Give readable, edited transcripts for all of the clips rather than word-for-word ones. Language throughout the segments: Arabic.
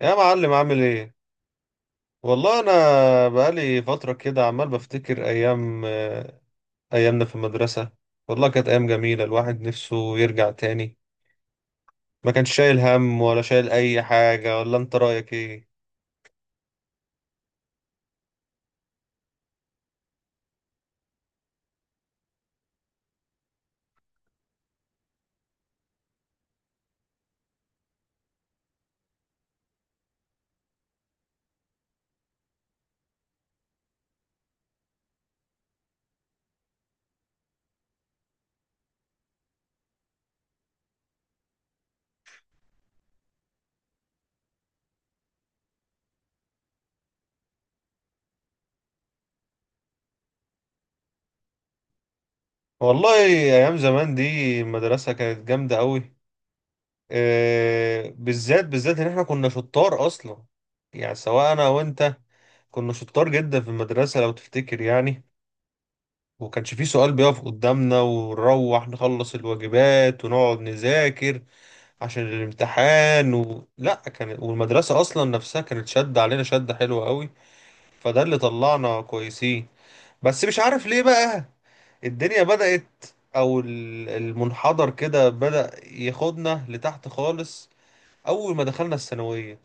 يا معلم، عامل ايه؟ والله انا بقالي فتره كده عمال بفتكر ايامنا في المدرسه. والله كانت ايام جميله، الواحد نفسه يرجع تاني. ما كانش شايل هم ولا شايل اي حاجه. ولا انت رايك ايه؟ والله ايام زمان دي المدرسه كانت جامده قوي. إيه بالذات بالذات ان احنا كنا شطار اصلا. يعني سواء انا وانت، كنا شطار جدا في المدرسه لو تفتكر يعني. وكانش فيه سؤال بيقف قدامنا، ونروح نخلص الواجبات ونقعد نذاكر عشان الامتحان لا كان، والمدرسة أصلا نفسها كانت شدة علينا، شدة حلوة قوي. فده اللي طلعنا كويسين. بس مش عارف ليه بقى، الدنيا بدأت أو المنحدر كده بدأ ياخدنا لتحت خالص أول ما دخلنا الثانوية.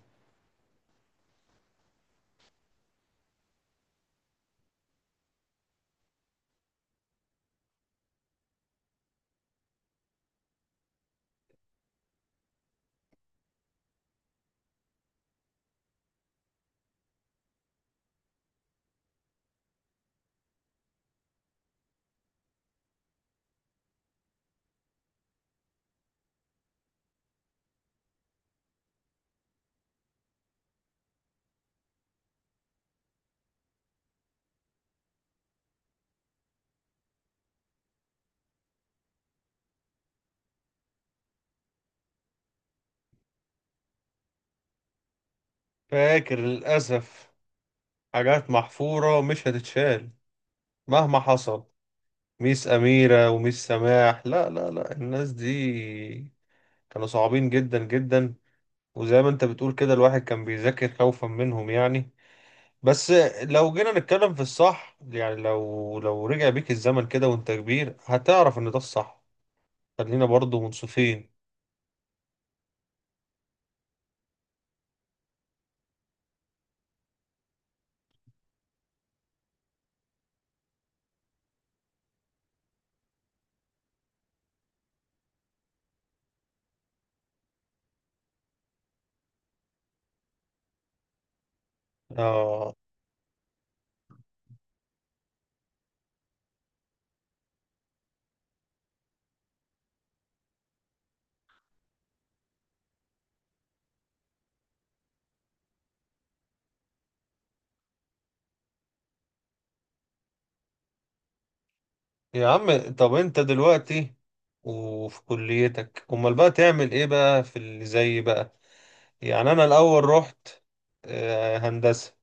فاكر للأسف، حاجات محفورة مش هتتشال مهما حصل. ميس أميرة وميس سماح، لا لا لا، الناس دي كانوا صعبين جدا جدا. وزي ما انت بتقول كده، الواحد كان بيذاكر خوفا منهم يعني. بس لو جينا نتكلم في الصح، يعني لو رجع بيك الزمن كده وانت كبير هتعرف ان ده الصح. خلينا برضو منصفين. اه. يا عم، طب انت دلوقتي وفي كليتك امال بقى تعمل ايه بقى في اللي زي بقى؟ يعني انا الاول رحت هندسة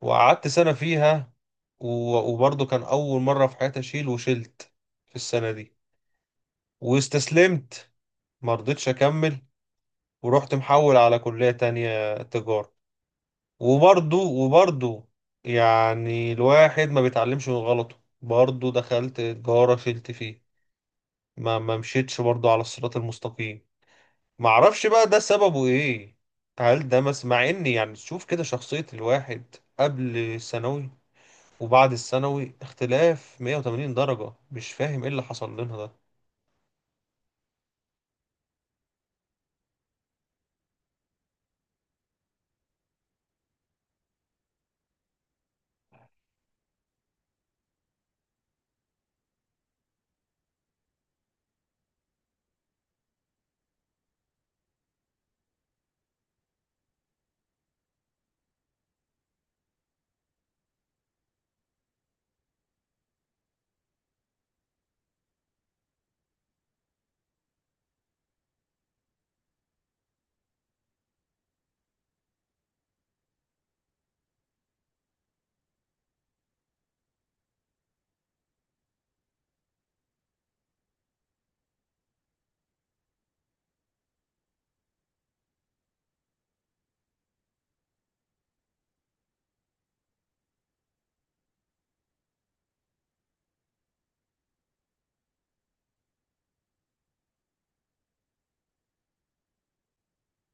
وقعدت سنة فيها. وبرضه كان أول مرة في حياتي أشيل، وشلت في السنة دي واستسلمت، مرضتش أكمل. ورحت محول على كلية تانية، تجارة. وبرضه يعني الواحد ما بيتعلمش من غلطه. برضه دخلت تجارة شلت فيه. ما مشيتش برضه على الصراط المستقيم. معرفش بقى ده سببه إيه. هل ده مس مع إني، يعني تشوف كده شخصية الواحد قبل ثانوي وبعد الثانوي اختلاف 180 درجة؟ مش فاهم ايه اللي حصل لنا ده.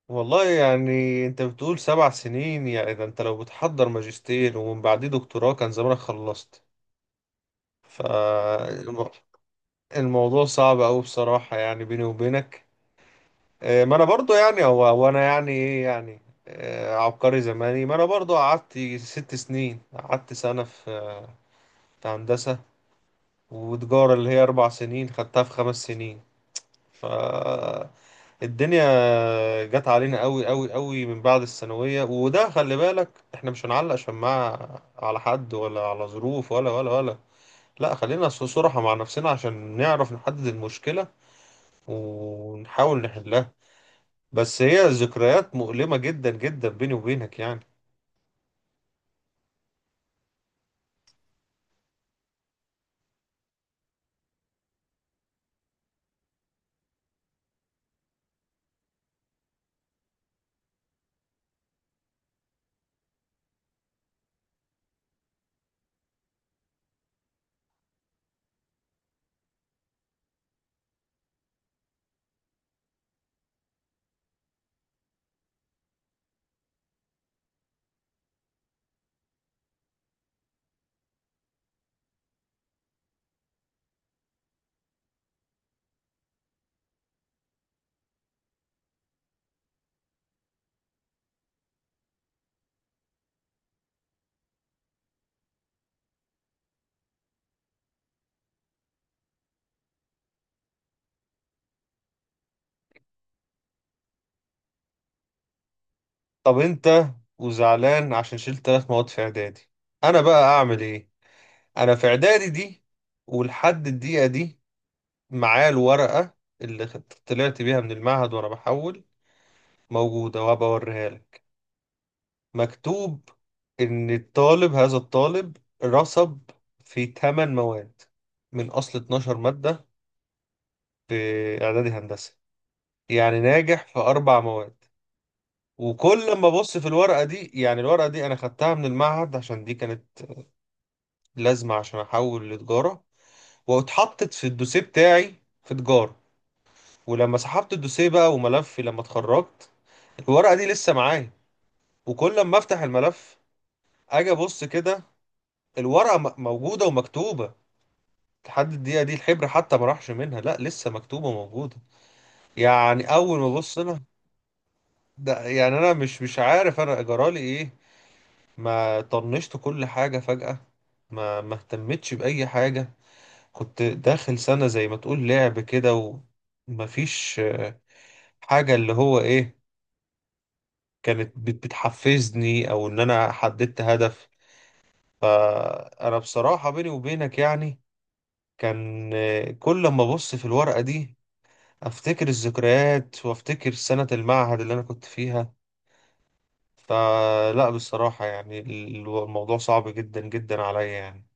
والله يعني انت بتقول 7 سنين، يعني ده انت لو بتحضر ماجستير ومن بعديه دكتوراه كان زمانك خلصت. فالموضوع صعب أوي بصراحة، يعني بيني وبينك. ما انا برضو، يعني هو وانا يعني ايه يعني. عبقري زماني، ما انا برضو قعدت 6 سنين. قعدت سنة في هندسة، وتجارة اللي هي 4 سنين خدتها في 5 سنين. ف الدنيا جت علينا قوي قوي قوي من بعد الثانوية. وده خلي بالك، احنا مش هنعلق شماعة على حد، ولا على ظروف، ولا. لا خلينا صراحة مع نفسنا عشان نعرف نحدد المشكلة ونحاول نحلها. بس هي ذكريات مؤلمة جدا جدا، بيني وبينك يعني. طب انت وزعلان عشان شلت 3 مواد في اعدادي؟ انا بقى اعمل ايه؟ انا في اعدادي دي ولحد الدقيقة دي معاه الورقة اللي طلعت بيها من المعهد وأنا بحول، موجودة وهبقى أوريها لك. مكتوب إن هذا الطالب رسب في 8 مواد من أصل 12 مادة في إعدادي هندسة. يعني ناجح في 4 مواد. وكل ما أبص في الورقة دي، يعني الورقة دي أنا خدتها من المعهد عشان دي كانت لازمة عشان أحول لتجارة، واتحطت في الدوسيه بتاعي في تجارة. ولما سحبت الدوسيه بقى وملفي لما اتخرجت، الورقة دي لسه معايا. وكل ما افتح الملف اجي ابص كده، الورقة موجودة ومكتوبة. لحد الدقيقة دي الحبر حتى ما راحش منها، لا لسه مكتوبة وموجودة. يعني اول ما ابص انا، ده يعني انا مش عارف انا جرالي ايه. ما طنشت كل حاجة فجأة، ما اهتمتش بأي حاجة. كنت داخل سنة زي ما تقول لعب كده، ومفيش حاجة اللي هو ايه كانت بتحفزني او ان انا حددت هدف. فانا بصراحة بيني وبينك يعني، كان كل ما ابص في الورقة دي افتكر الذكريات، وافتكر سنة المعهد اللي انا كنت فيها. فلا بصراحة يعني الموضوع صعب جدا جدا عليا يعني.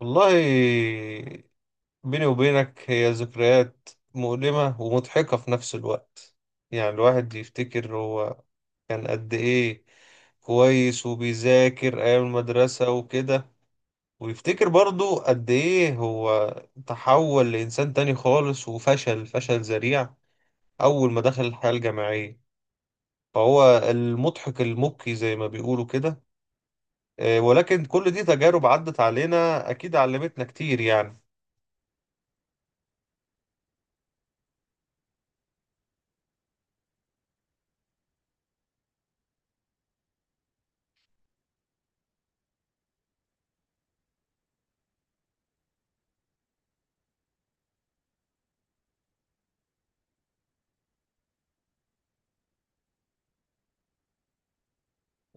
والله بيني وبينك، هي ذكريات مؤلمة ومضحكة في نفس الوقت. يعني الواحد يفتكر هو كان قد ايه كويس وبيذاكر أيام المدرسة وكده. ويفتكر برضو قد إيه هو تحول لإنسان تاني خالص وفشل فشل ذريع أول ما دخل الحياة الجامعية. فهو المضحك المبكي زي ما بيقولوا كده. ولكن كل دي تجارب عدت علينا، أكيد علمتنا كتير يعني.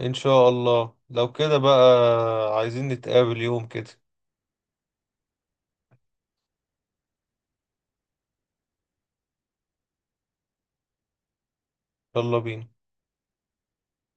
إن شاء الله. لو كده بقى، عايزين نتقابل يوم كده. يلا بينا.